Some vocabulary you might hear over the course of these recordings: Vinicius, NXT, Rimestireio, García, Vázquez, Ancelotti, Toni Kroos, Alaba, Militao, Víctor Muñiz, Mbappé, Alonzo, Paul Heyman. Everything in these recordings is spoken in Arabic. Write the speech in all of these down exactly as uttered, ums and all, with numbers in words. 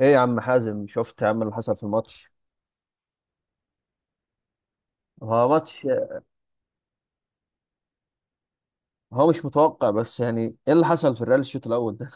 ايه يا عم حازم، شفت يا عم اللي حصل في الماتش؟ هو ماتش. هو مش متوقع، بس يعني ايه اللي حصل في الريال الشوط الاول ده؟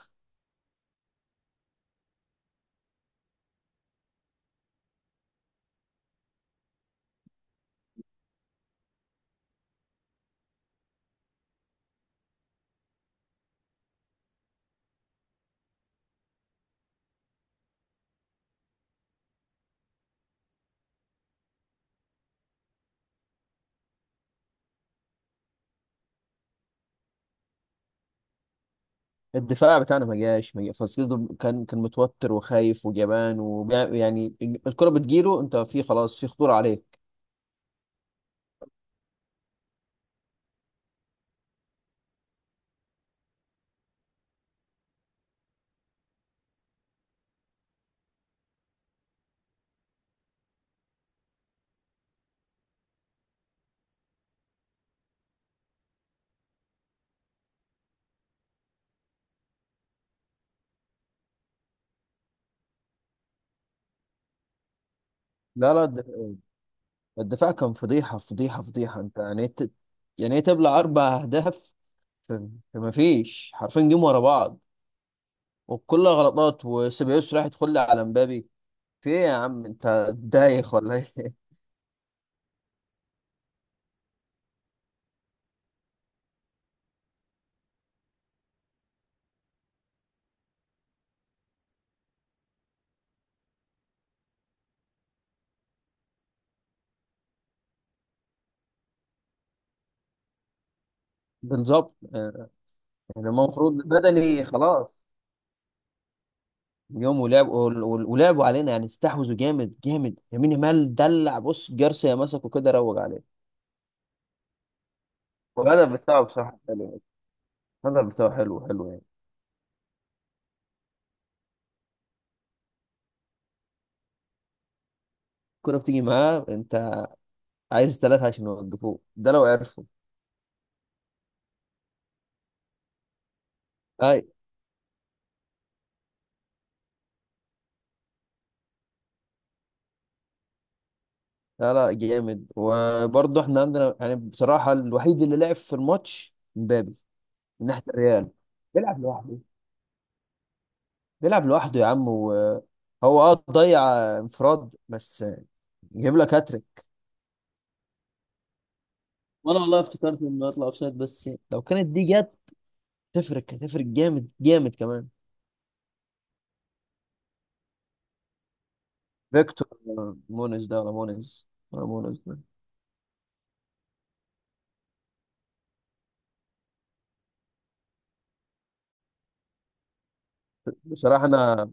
الدفاع بتاعنا ما جاش ما جاش فاسكيز. كان كان متوتر وخايف وجبان، ويعني الكرة بتجيله، انت في خلاص، في خطورة عليك. لا، لا. الدفاع الدفاع كان فضيحة فضيحة فضيحة. انت يعني إيه، ت- يعني ايه تبلع اربع اهداف؟ في في ما فيش حرفين جيم ورا بعض. وكلها غلطات، وسيبايوس راح يدخل لي على مبابي. في ايه يا عم؟ انت دايخ ولا ايه؟ بالظبط. يعني هما المفروض بدني خلاص اليوم، ولعب ول- ول- ولعبوا علينا. يعني استحوذوا جامد جامد، يمين يامال دلع، بص جارسيا مسكه كده روج عليه. الهدف بتاعه بصراحة حلو. الهدف بتاعه حلو حلو يعني. الكورة بتيجي معاه، انت عايز ثلاثة عشان يوقفوه ده لو عرفوا. اي. لا، لا، جامد. وبرضه احنا عندنا يعني بصراحة الوحيد اللي لعب في الماتش مبابي، من ناحية الريال. بيلعب لوحده. بيلعب لوحده يا عم، وهو اه ضيع انفراد بس، يجيب لك هاتريك. وانا والله افتكرت انه يطلع اوفسايد. بس لو كانت دي جت، تفرق، هتفرق جامد جامد كمان. فيكتور. مونيز ده، ولا مونيز، ولا مونيز ده. بصراحة أنا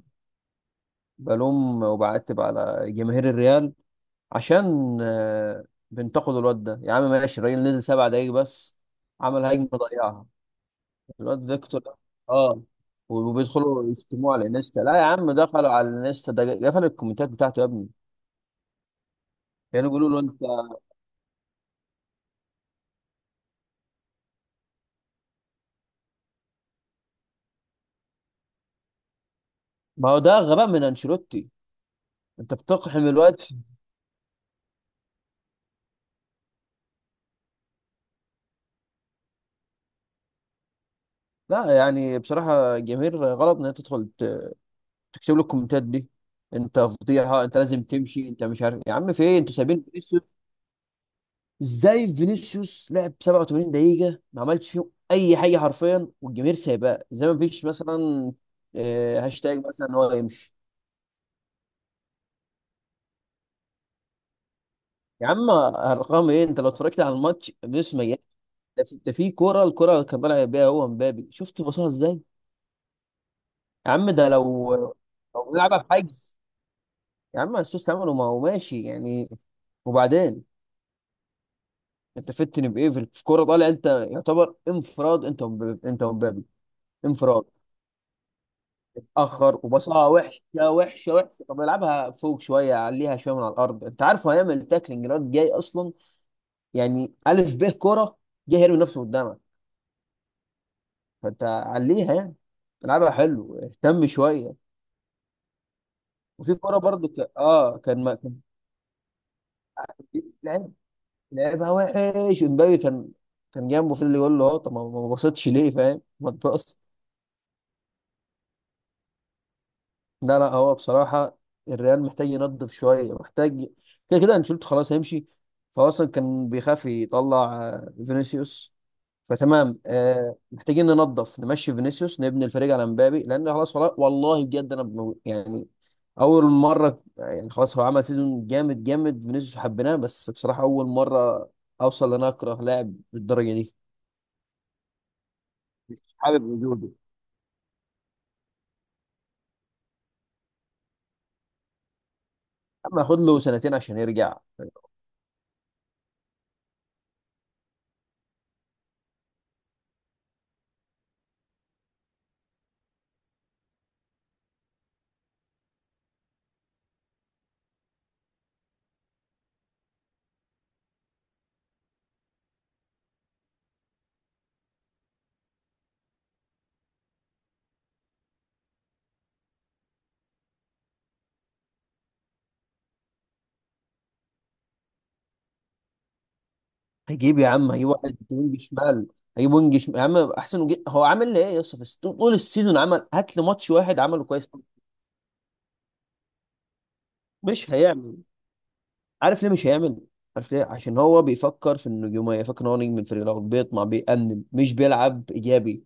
بلوم وبعتب على جماهير الريال عشان آه، بنتقدوا الواد ده. يا عم ماشي، الراجل نزل سبع دقايق بس، عمل هجمة ضيعها الواد فيكتور ده. اه. وبيدخلوا يشتموه على الانستا. لا يا عم، دخلوا على الانستا، ده قفل الكومنتات بتاعته يا ابني. كانوا يعني بيقولوا له انت. ما هو ده غباء من انشيلوتي، انت بتقحم الواد. لا يعني بصراحة الجماهير غلط إن هي تدخل ت- تكتب له الكومنتات دي. أنت فضيحة، أنت لازم تمشي. أنت مش عارف يا عم في إيه؟ أنتوا سايبين فينيسيوس. إزاي فينيسيوس لعب 87 دقيقة ما عملش فيهم أي حاجة حرفيا، والجماهير سايباه زي ما فيش مثلا آه، هاشتاج مثلا إن هو يمشي؟ يا عم أرقام إيه؟ أنت لو اتفرجت على الماتش فينيسيوس ميت. ده في ده في كورة، الكورة اللي كان طالع بيها هو مبابي، شفت بصها إزاي يا عم؟ ده لو لو بيلعبها بحجز. يا عم اسيست عمله، ما هو ماشي يعني. وبعدين انت فتني بايه؟ في في كوره طالع، انت يعتبر انفراد، انت ومب- انت ومبابي انفراد. اتاخر وبصها وحشه. وحشه وحشه. طب العبها فوق شويه، عليها شويه من على الارض. انت عارف هو هيعمل تاكلينج؟ الواد جاي اصلا يعني الف ب كوره، جاي هيرمي نفسه قدامك، فانت عليها يعني، العبها حلو اهتم شويه. وفي كوره برضو ك... اه كان ما... كان لعبها وحش. امبابي كان كان جنبه، في اللي يقول له، اه طب ما ما بصيتش ليه فاهم؟ ما تبص. لا، لا. هو بصراحه الريال محتاج ينظف شويه، محتاج. كده كده انشيلوتي خلاص هيمشي. فهو اصلا كان بيخاف يطلع آه، فينيسيوس. فتمام. آه محتاجين ننظف، نمشي فينيسيوس، نبني الفريق على مبابي. لان خلاص والله والله بجد انا بم- يعني اول مره يعني. خلاص هو عمل سيزون جامد جامد فينيسيوس، حبيناه. بس بصراحه اول مره اوصل ان أنا اكره لاعب بالدرجه دي، حابب وجوده، اما خد له سنتين عشان يرجع. هجيب يا عم هجيب واحد وينج شمال. هجيب وينج شمال يا عم احسن وجي... هو عامل لي ايه يا اسطى في الس- طول السيزون؟ عمل هات لي ماتش واحد عمله كويس؟ مش هيعمل. عارف ليه مش هيعمل؟ عارف ليه؟ عشان هو بيفكر في النجوميه، يفكر ان هو نجم الفريق الاول، بيطمع، بيأنب، مش بيلعب ايجابي.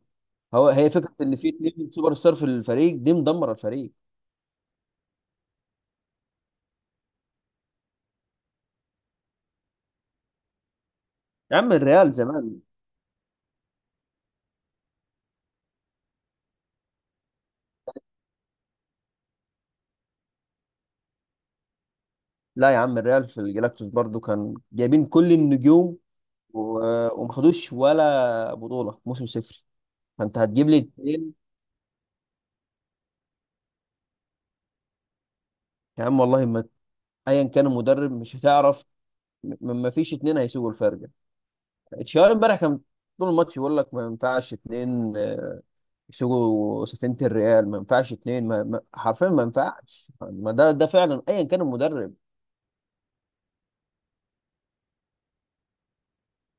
هو هي فكره ان في اتنين سوبر ستار في الفريق دي مدمره الفريق. يا عم الريال زمان. لا يا عم الريال في الجلاكتوس برضو كان جايبين كل النجوم، و- وما خدوش ولا بطولة موسم صفر. فانت هتجيب لي اتنين؟ يا عم والله ما، ايا كان المدرب مش هتعرف. م- ما فيش اتنين هيسوقوا الفرقة. تشاور امبارح كان طول الماتش يقول لك ما ينفعش اتنين، آه، يسوقوا سفينة الريال. ما ينفعش اتنين، ما ما- حرفيا ما ينفعش. ما ده ده فعلا، ايا كان المدرب.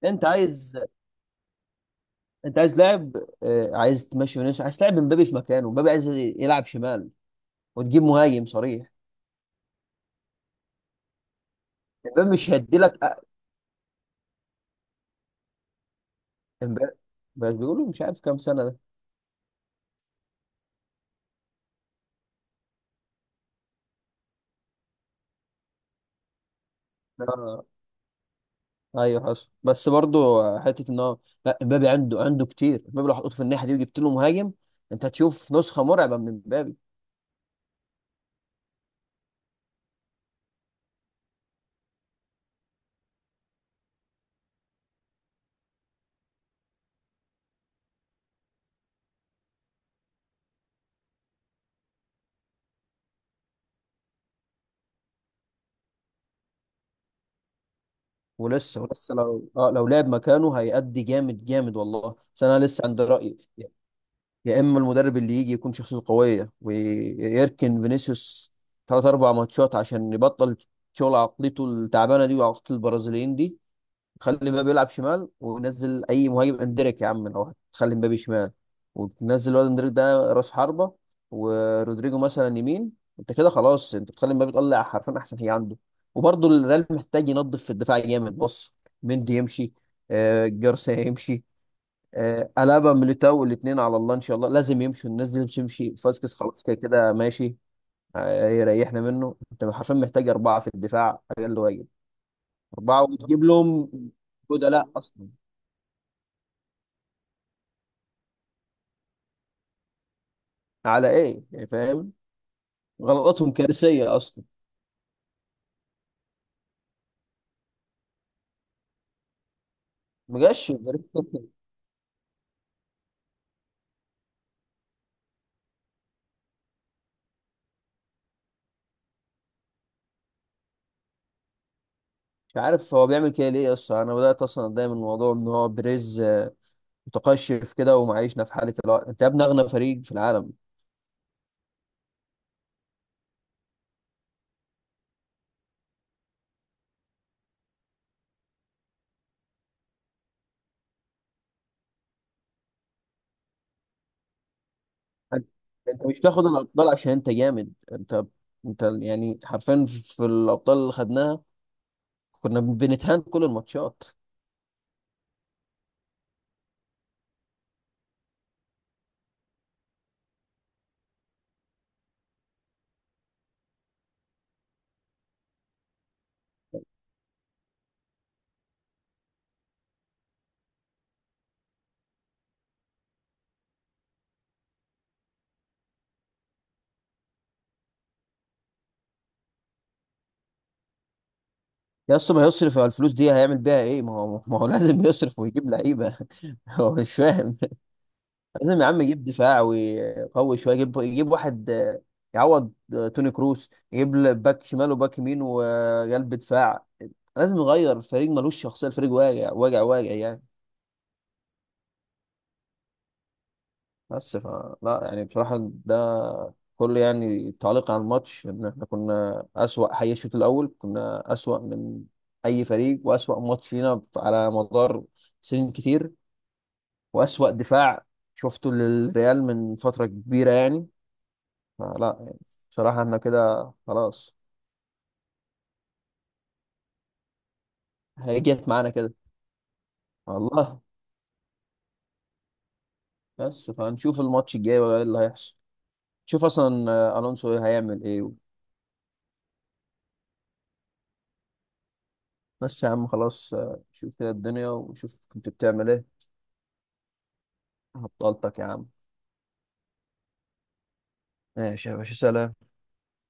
انت عايز انت عايز لاعب، آه، عايز تمشي فينيسيوس، عايز تلعب مبابي في مكانه. مبابي عايز يلعب شمال وتجيب مهاجم صريح. مبابي مش هيدي لك. امبارح بس بيقولوا مش عارف كام سنة. اه، ايوه حصل. بس برضو حته ان هو، لا امبابي عنده عنده كتير. امبابي لو حطيته في الناحيه دي وجبت له مهاجم، انت هتشوف نسخه مرعبه من امبابي. ولسه ولسه لو اه لو لعب مكانه هيأدي جامد جامد والله. بس انا لسه عند رأيي. يا اما المدرب اللي يجي يكون شخصيته قويه ويركن فينيسيوس ثلاث اربع ماتشات عشان يبطل شغل عقليته التعبانه دي وعقليه البرازيليين دي. خلي مبابي يلعب شمال، ونزل اي مهاجم اندريك يا عم. لو هتخلي مبابي شمال وتنزل الواد اندريك ده راس حربة، ورودريجو مثلا يمين، انت كده خلاص، انت بتخلي مبابي يطلع حرفيا احسن حاجة عنده. وبرضه الريال محتاج ينظف في الدفاع جامد. بص، مندي يمشي، آه جارسيا يمشي، آه ألابا، ميليتاو الاثنين على الله ان شاء الله لازم يمشوا. الناس دي لازم تمشي. فاسكس خلاص كده كده ماشي. آه، يريحنا منه. انت حرفيا محتاج اربعه في الدفاع اقل واجب، اربعه وتجيب لهم بدلاء اصلا. على ايه يعني فاهم؟ غلطاتهم كارثيه اصلا. ما جاش بريز. مش عارف هو بيعمل كده ليه اصلا. انا بدات اصلا اتضايق من الموضوع ان هو بريز آه، متقشف كده ومعيشنا في حاله. الوقت انت يا ابني اغنى فريق في العالم. انت مش بتاخد الابطال عشان انت جامد. انت انت يعني حرفيا في الابطال اللي خدناها كنا بنتهان كل الماتشات. يا اسطى ما يصرف. على الفلوس دي هيعمل بيها ايه؟ ما هو ما هو لازم يصرف ويجيب لعيبه. هو مش فاهم. لازم يا عم يجيب دفاع ويقوي شويه، يجيب يجيب واحد آه، يعوض آه، توني كروس، يجيب ل- باك شمال وباك يمين وقلب دفاع. لازم يغير الفريق، ملوش شخصيه. الفريق واجع واجع واجع يعني. بس ف لا يعني بصراحه، ده كل يعني تعليق على الماتش ان احنا كنا اسوأ. حي الشوط الاول كنا اسوأ من اي فريق، واسوأ ماتش لينا على مدار سنين كتير، واسوأ دفاع شفته للريال من فتره كبيره يعني. فلا يعني بصراحة احنا كده خلاص. هيجت معانا كده والله. بس فهنشوف الماتش الجاي بقى ايه اللي هيحصل. شوف اصلا آه، الونسو إيه هيعمل ايه و- بس يا عم خلاص آه، شوف كده الدنيا وشوف كنت بتعمل ايه. هبطلتك يا عم. ماشي يا باشا، سلام.